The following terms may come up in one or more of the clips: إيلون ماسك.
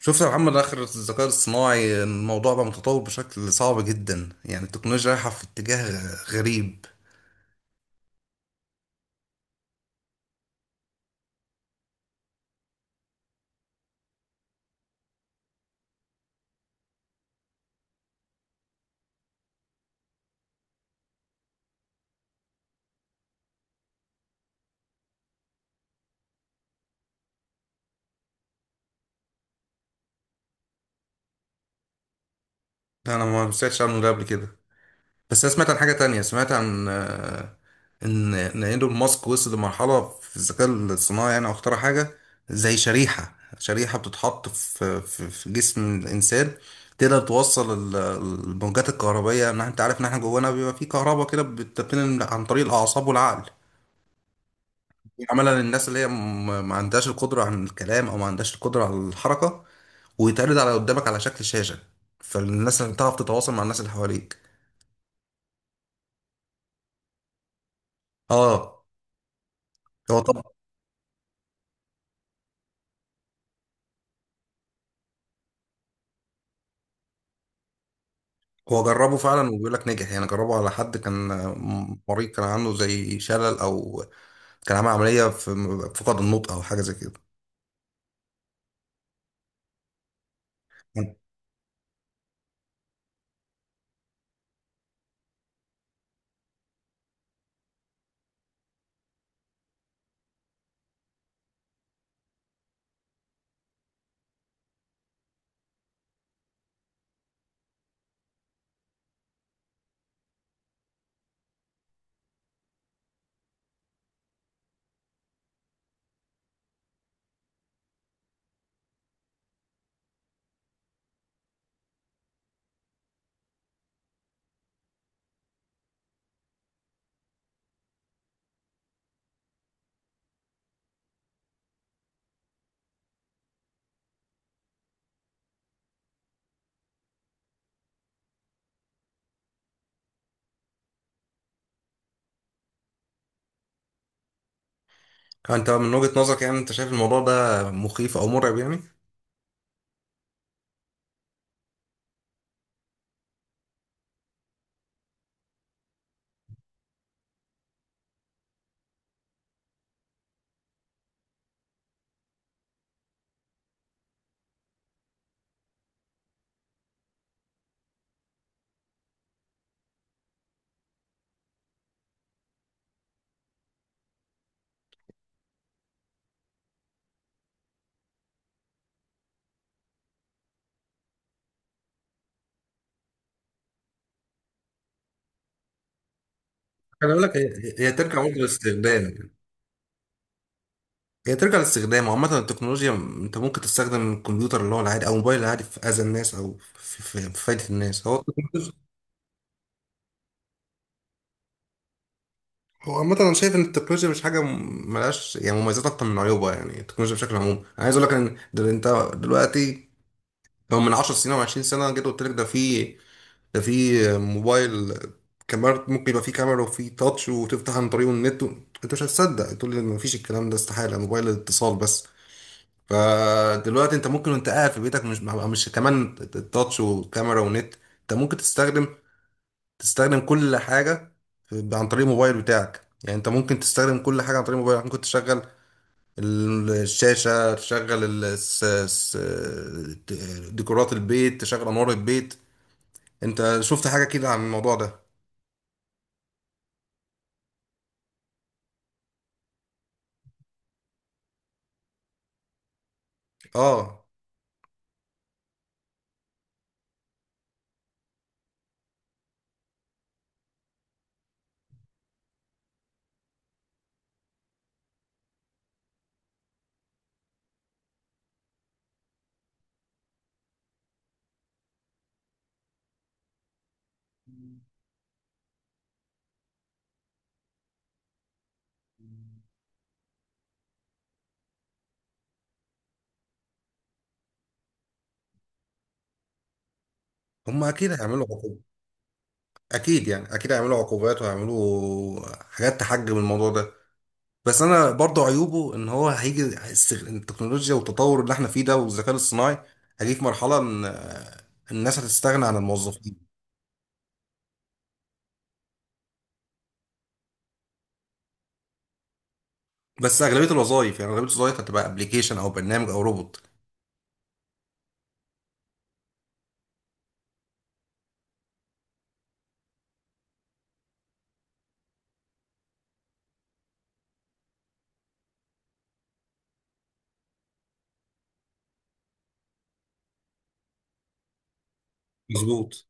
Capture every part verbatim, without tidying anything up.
شفت يا محمد آخر الذكاء الاصطناعي، الموضوع بقى متطور بشكل صعب جدا. يعني التكنولوجيا رايحة في اتجاه غ- غريب. أنا ما سمعتش عنه ده قبل كده، بس أنا سمعت عن حاجة تانية. سمعت عن آه، إن إن إيلون ماسك وصل لمرحلة في الذكاء الاصطناعي، يعني أو اخترع حاجة زي شريحة، شريحة بتتحط في في في جسم الإنسان. تقدر توصل ال- الموجات الكهربائية. إن إحنا- أنت عارف إن إحنا جوانا بيبقى فيه كهرباء كده، بتتنقل عن طريق الأعصاب والعقل. عملا الناس اللي هي م- ما عندهاش القدرة على الكلام أو ما عندهاش القدرة على الحركة، ويتعرض على قدامك على شكل شاشة، فالناس اللي بتعرف تتواصل مع الناس اللي حواليك. اه. هو طب، هو جربه فعلا وبيقول لك نجح. يعني جربه على حد كان آه، م- مريض، كان عنده زي شلل، أو كان عامل عملية في م- فقد النطق أو حاجة زي كده. انت من وجهة نظرك، يعني انت شايف الموضوع ده مخيف او مرعب يعني؟ خلي بالك، هي هي ترجع برضه للاستخدام. هي ترجع للاستخدام، عامة التكنولوجيا انت ممكن تستخدم الكمبيوتر اللي هو العادي او الموبايل العادي في اذى الناس او في, في, في فايدة الناس. هو هو عامة انا شايف ان التكنولوجيا مش حاجة م- ملهاش يعني مميزات اكتر من عيوبها. يعني التكنولوجيا بشكل عام، انا عايز اقول لك ان دل انت دلوقتي، لو من عشر سنين او عشرين سنة جيت قلت لك ده في، ده في موبايل كاميرا، ممكن يبقى فيه كاميرا وفيه تاتش وتفتح عن طريقه النت و... انت مش هتصدق، تقول لي مفيش الكلام ده، استحالة، موبايل اتصال بس. فدلوقتي انت ممكن وانت قاعد في بيتك، مش مش كمان التاتش وكاميرا ونت، انت ممكن تستخدم تستخدم كل حاجه في- عن طريق الموبايل بتاعك. يعني انت ممكن تستخدم كل حاجه عن طريق موبايلك، ممكن تشغل ال- الشاشه، تشغل ال- الس- الس- ديكورات البيت، تشغل انوار البيت. انت شفت حاجه كده عن الموضوع ده؟ اه. هم اكيد هيعملوا عقوبات. اكيد، يعني اكيد هيعملوا عقوبات وهيعملوا حاجات تحجم الموضوع ده. بس انا برضه عيوبه ان هو هيجي الس- التكنولوجيا والتطور اللي احنا فيه ده والذكاء الاصطناعي، هيجي في مرحله ان آه، الناس هتستغنى عن الموظفين. بس اغلبيه الوظائف، يعني اغلبيه الوظائف هتبقى ابلكيشن او برنامج او روبوت. مظبوط.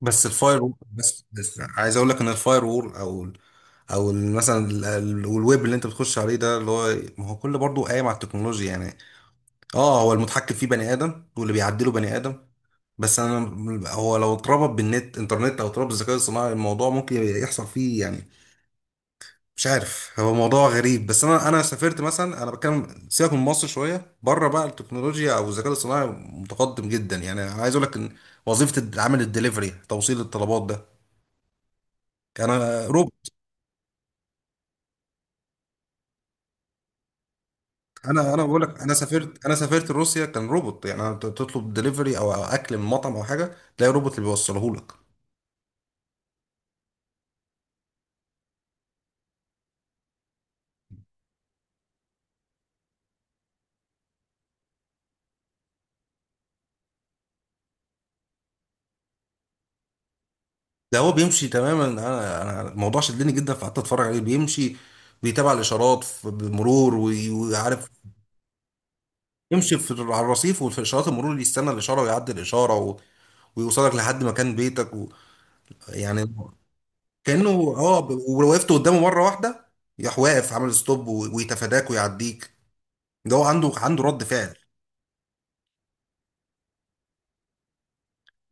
بس الفاير وول، بس, بس عايز اقول لك ان الفاير وول او ال- او ال- مثلا ال- ال- الويب اللي انت بتخش عليه ده اللي هو، ما هو كله برضه قايم على التكنولوجيا يعني. اه، هو المتحكم فيه بني ادم واللي بيعدله بني ادم، بس انا هو لو اتربط بالنت انترنت او اتربط بالذكاء الصناعي، الموضوع ممكن يحصل فيه يعني. مش عارف، هو موضوع غريب. بس انا انا سافرت مثلا، انا بتكلم سيبك من مصر شويه بره بقى، التكنولوجيا او الذكاء الصناعي متقدم جدا. يعني انا عايز اقول لك ان وظيفه عامل الدليفري، توصيل الطلبات ده، انا روبوت. انا انا بقول لك، انا سافرت، انا سافرت روسيا كان روبوت. يعني أنا تطلب دليفري او اكل من مطعم او حاجه، تلاقي روبوت اللي بيوصله لك. ده هو بيمشي تماما. انا انا الموضوع شدني جدا، فقعدت اتفرج عليه بيمشي، بيتابع الاشارات في- بمرور وي- وعارف يمشي في، على الرصيف، وفي اشارات المرور اللي يستنى الاشاره ويعدي الاشاره و... ويوصلك لحد مكان بيتك و... يعني. كانه اه، ب- ولو وقفت قدامه مره واحده يروح واقف عامل ستوب و... ويتفاداك ويعديك. ده هو عنده عنده رد فعل.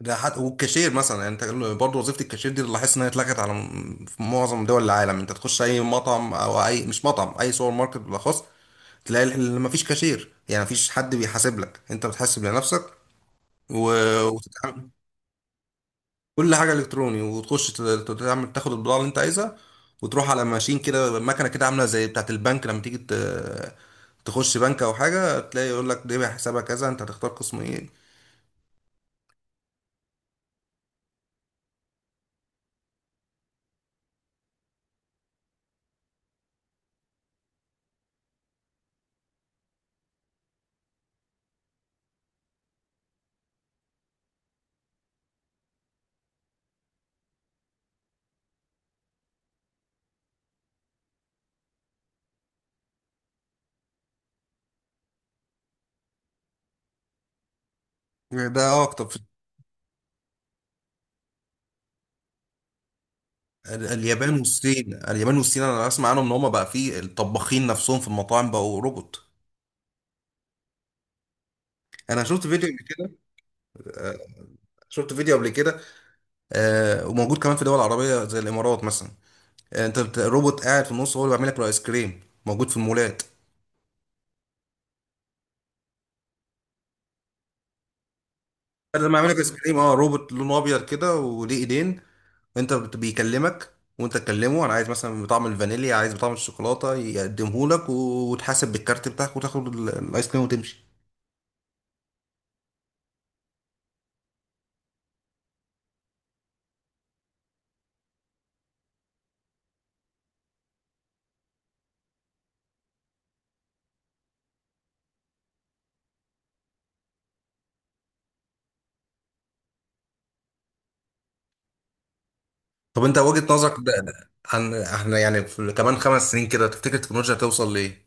ده حد... والكاشير مثلا، يعني انت برضه وظيفه الكاشير دي اللي لاحظت انها اتلغت على م- في معظم دول العالم. انت تخش اي مطعم او اي، مش مطعم، اي سوبر ماركت بالاخص، تلاقي ال- مفيش كاشير. يعني مفيش حد بيحاسب لك، انت بتحاسب لنفسك و... وتتعامل كل حاجه الكتروني، وتخش ت- ت- تعمل، تاخد البضاعه اللي انت عايزها، وتروح على ماشين كده، مكنه كده عامله زي بتاعه البنك لما تيجي ت... تخش بنك او حاجه، تلاقي يقول لك ده حسابها كذا، انت هتختار قسم ايه. ده اكتر في ال- اليابان والصين. اليابان والصين انا اسمع عنهم ان هم بقى فيه الطباخين نفسهم في المطاعم بقوا روبوت. انا شفت فيديو قبل كده، شفت فيديو قبل كده. آه، وموجود كمان في دول عربيه زي الامارات مثلا. انت بت- روبوت قاعد في النص هو اللي بيعمل لك الايس كريم، موجود في المولات. بدل ما يعمل لك ايس كريم، اه، روبوت لونه ابيض كده وليه ايدين. انت بت- بيكلمك، وانت تكلمه انا عايز مثلا بطعم الفانيليا، عايز بطعم الشوكولاته، يقدمه لك و- وتحاسب بالكارت بتاعك، وتاخد ال- الايس كريم وتمشي. طب انت وجهة نظرك، ده ده عن احنا يعني في كمان خمس سنين كده، تفتكر التكنولوجيا هتوصل لايه؟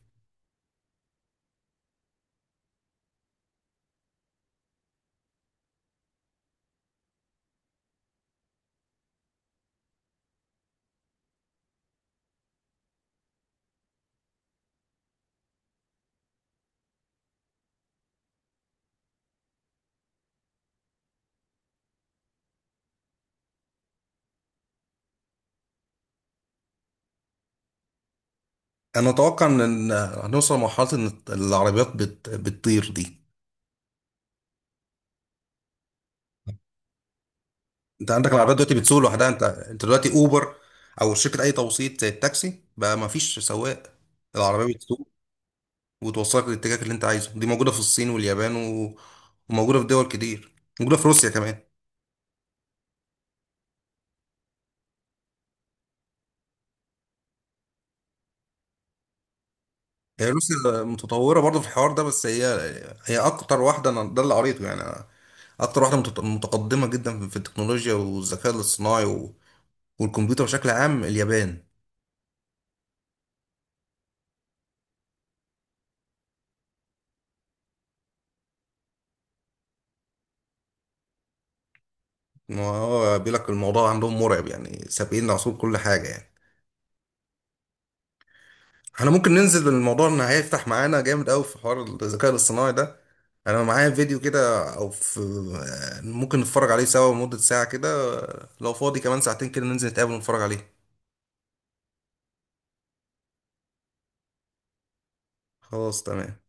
انا اتوقع ان إن هنوصل لمرحله ان العربيات بت... بتطير دي. انت عندك العربيات دلوقتي بتسوق لوحدها. انت انت دلوقتي اوبر او شركه اي توصيل زي التاكسي، بقى ما فيش سواق، العربيه بتسوق وتوصلك للاتجاه اللي انت عايزه. دي موجوده في الصين واليابان و... وموجوده في دول كتير، موجوده في روسيا كمان. هي روسيا متطوره برضه في الحوار ده، بس هي، هي اكتر واحده، انا ده اللي قريته، يعني انا- اكتر واحده متط- متقدمه جدا في في التكنولوجيا والذكاء الاصطناعي و... والكمبيوتر بشكل عام. اليابان، ما هو بيقول لك الموضوع عندهم مرعب، يعني سابقين العصور كل حاجه يعني. احنا ممكن ننزل بالموضوع ان هيفتح معانا جامد قوي في حوار الذكاء الاصطناعي ده. انا معايا فيديو كده او في، ممكن نتفرج عليه سوا لمدة ساعة كده. لو فاضي كمان ساعتين كده، ننزل نتقابل ونتفرج عليه. خلاص تمام.